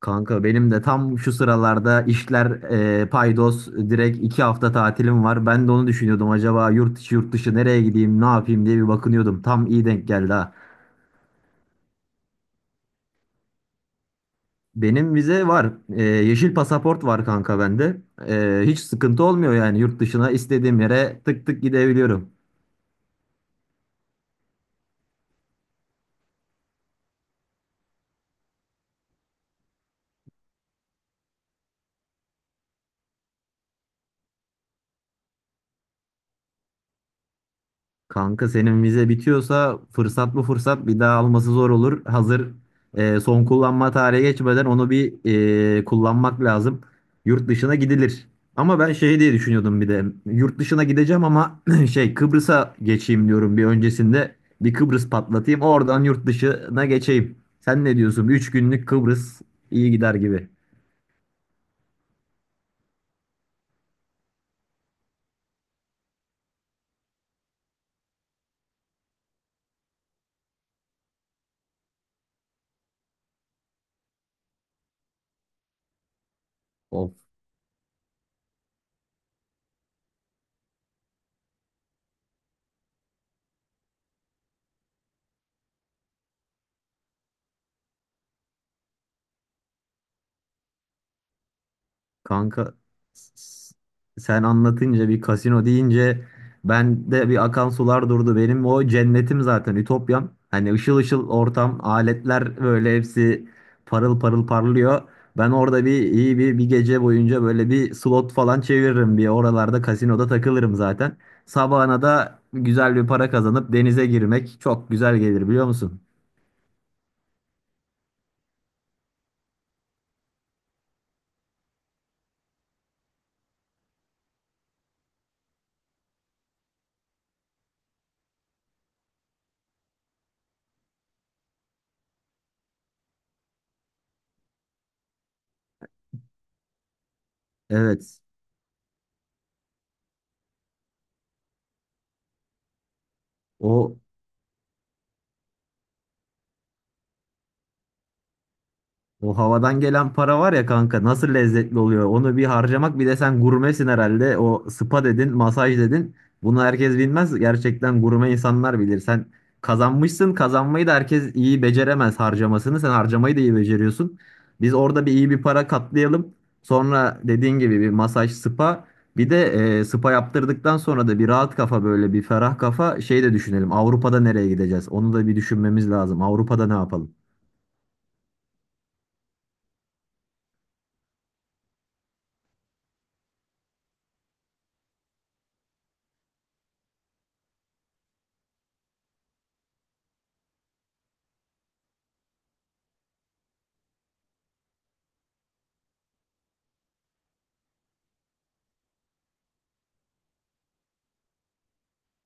Kanka benim de tam şu sıralarda işler paydos direkt 2 hafta tatilim var. Ben de onu düşünüyordum, acaba yurt içi yurt dışı nereye gideyim, ne yapayım diye bir bakınıyordum. Tam iyi denk geldi ha. Benim vize var. Yeşil pasaport var kanka bende. Hiç sıkıntı olmuyor, yani yurt dışına istediğim yere tık tık gidebiliyorum. Kanka senin vize bitiyorsa fırsat bu fırsat, bir daha alması zor olur. Hazır son kullanma tarihi geçmeden onu bir kullanmak lazım. Yurt dışına gidilir. Ama ben şey diye düşünüyordum bir de. Yurt dışına gideceğim ama şey, Kıbrıs'a geçeyim diyorum bir öncesinde. Bir Kıbrıs patlatayım, oradan yurt dışına geçeyim. Sen ne diyorsun? 3 günlük Kıbrıs iyi gider gibi. Of. Kanka, s- s- sen anlatınca, bir kasino deyince, ben de bir akan sular durdu. Benim o cennetim zaten, ütopyam. Hani ışıl ışıl ortam, aletler böyle hepsi parıl parıl parlıyor. Ben orada bir iyi bir gece boyunca böyle bir slot falan çeviririm, bir oralarda kasinoda takılırım zaten. Sabahına da güzel bir para kazanıp denize girmek çok güzel gelir, biliyor musun? Evet. O O havadan gelen para var ya kanka, nasıl lezzetli oluyor. Onu bir harcamak, bir de sen gurmesin herhalde. O spa dedin, masaj dedin. Bunu herkes bilmez. Gerçekten gurme insanlar bilir. Sen kazanmışsın. Kazanmayı da herkes iyi beceremez, harcamasını. Sen harcamayı da iyi beceriyorsun. Biz orada bir iyi bir para katlayalım. Sonra dediğin gibi bir masaj, spa. Bir de spa yaptırdıktan sonra da bir rahat kafa, böyle bir ferah kafa şey de düşünelim. Avrupa'da nereye gideceğiz? Onu da bir düşünmemiz lazım. Avrupa'da ne yapalım?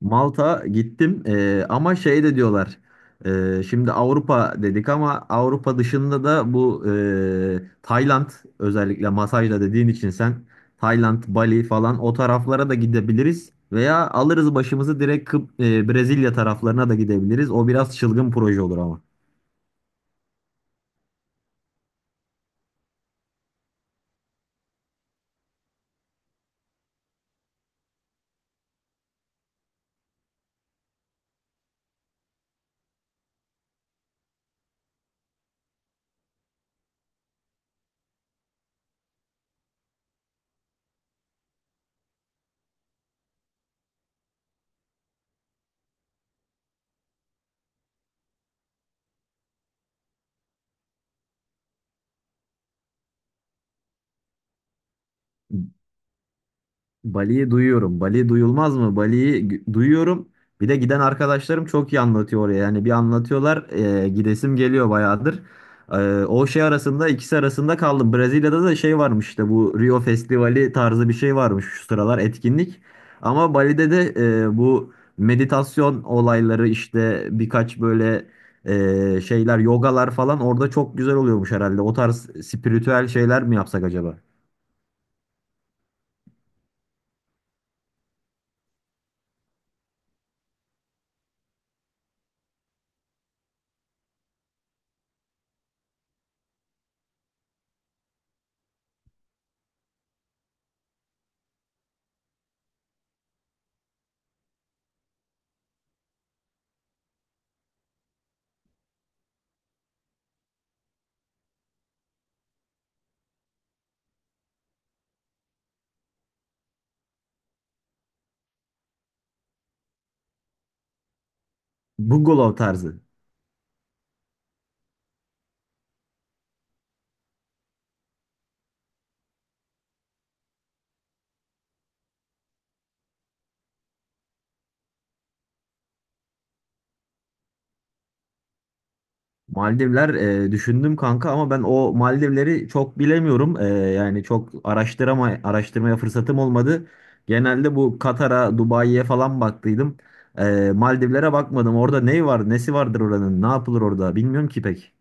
Malta gittim. Ama şey de diyorlar. Şimdi Avrupa dedik ama Avrupa dışında da bu Tayland, özellikle masajla dediğin için sen. Tayland, Bali falan, o taraflara da gidebiliriz veya alırız başımızı direkt Brezilya taraflarına da gidebiliriz. O biraz çılgın proje olur ama. Bali'yi duyuyorum. Bali duyulmaz mı? Bali'yi duyuyorum. Bir de giden arkadaşlarım çok iyi anlatıyor oraya. Yani bir anlatıyorlar, gidesim geliyor bayağıdır. O şey arasında, ikisi arasında kaldım. Brezilya'da da şey varmış, işte bu Rio Festivali tarzı bir şey varmış şu sıralar etkinlik. Ama Bali'de de bu meditasyon olayları, işte birkaç böyle şeyler, yogalar falan orada çok güzel oluyormuş herhalde. O tarz spiritüel şeyler mi yapsak acaba? Bungalow tarzı. Maldivler, düşündüm kanka ama ben o Maldivleri çok bilemiyorum. Yani çok araştırmaya fırsatım olmadı. Genelde bu Katar'a, Dubai'ye falan baktıydım. Maldivlere bakmadım. Orada ne var, nesi vardır oranın? Ne yapılır orada? Bilmiyorum ki pek.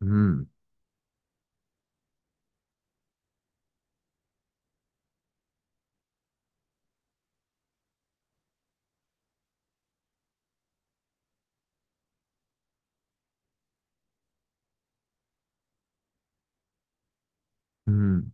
Hmm, hmm.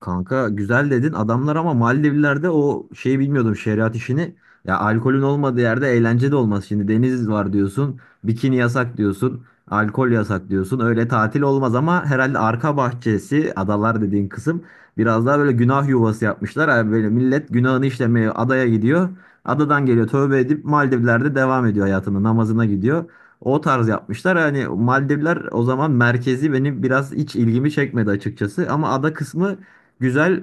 Kanka güzel dedin adamlar ama Maldivler'de o şeyi bilmiyordum, şeriat işini. Ya alkolün olmadığı yerde eğlence de olmaz. Şimdi deniz var diyorsun, bikini yasak diyorsun, alkol yasak diyorsun. Öyle tatil olmaz, ama herhalde arka bahçesi, adalar dediğin kısım, biraz daha böyle günah yuvası yapmışlar. Yani böyle millet günahını işlemeye adaya gidiyor. Adadan geliyor tövbe edip Maldivler'de devam ediyor hayatına, namazına gidiyor. O tarz yapmışlar. Yani Maldivler o zaman, merkezi benim biraz hiç ilgimi çekmedi açıkçası. Ama ada kısmı Güzel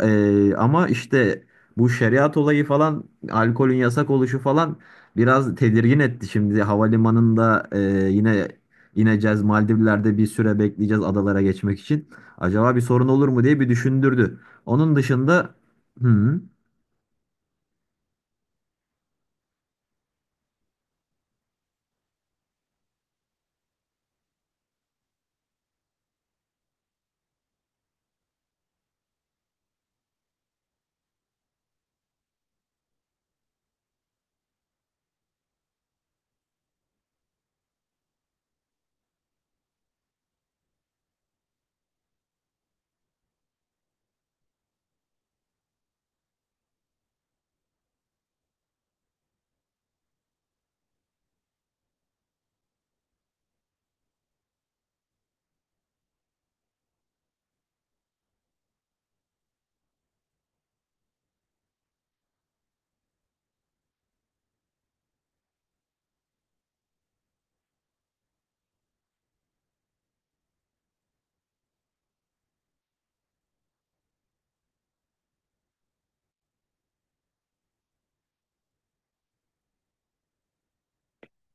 eee, ama işte bu şeriat olayı falan, alkolün yasak oluşu falan biraz tedirgin etti. Şimdi havalimanında yine ineceğiz, Maldivler'de bir süre bekleyeceğiz adalara geçmek için. Acaba bir sorun olur mu diye bir düşündürdü. Onun dışında hı.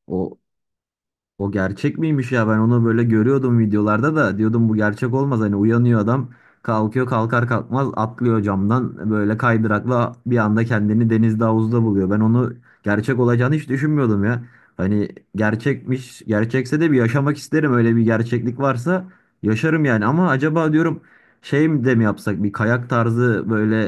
O O gerçek miymiş ya, ben onu böyle görüyordum videolarda, da diyordum bu gerçek olmaz, hani uyanıyor adam, kalkıyor, kalkar kalkmaz atlıyor camdan böyle kaydırakla, bir anda kendini denizde, havuzda buluyor. Ben onu gerçek olacağını hiç düşünmüyordum ya. Hani gerçekmiş, gerçekse de bir yaşamak isterim, öyle bir gerçeklik varsa yaşarım yani. Ama acaba diyorum şey mi de mi yapsak, bir kayak tarzı böyle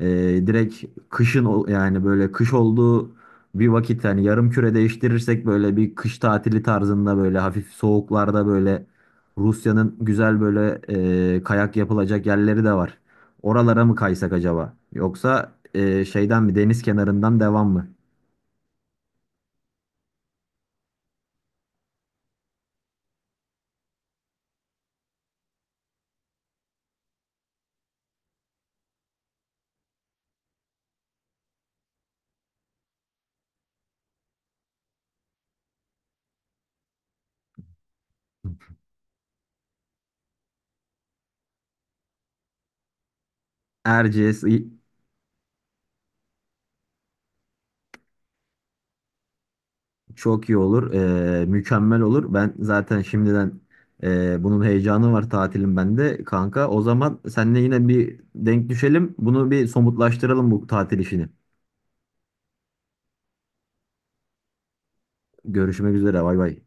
e, direkt kışın, yani böyle kış olduğu bir vakit, hani yarım küre değiştirirsek böyle bir kış tatili tarzında, böyle hafif soğuklarda böyle Rusya'nın güzel böyle kayak yapılacak yerleri de var. Oralara mı kaysak acaba? Yoksa şeyden mi, deniz kenarından devam mı? Erciyes. Çok iyi olur. Mükemmel olur. Ben zaten şimdiden bunun heyecanı var, tatilim bende kanka. O zaman seninle yine bir denk düşelim. Bunu bir somutlaştıralım, bu tatil işini. Görüşmek üzere. Bay bay.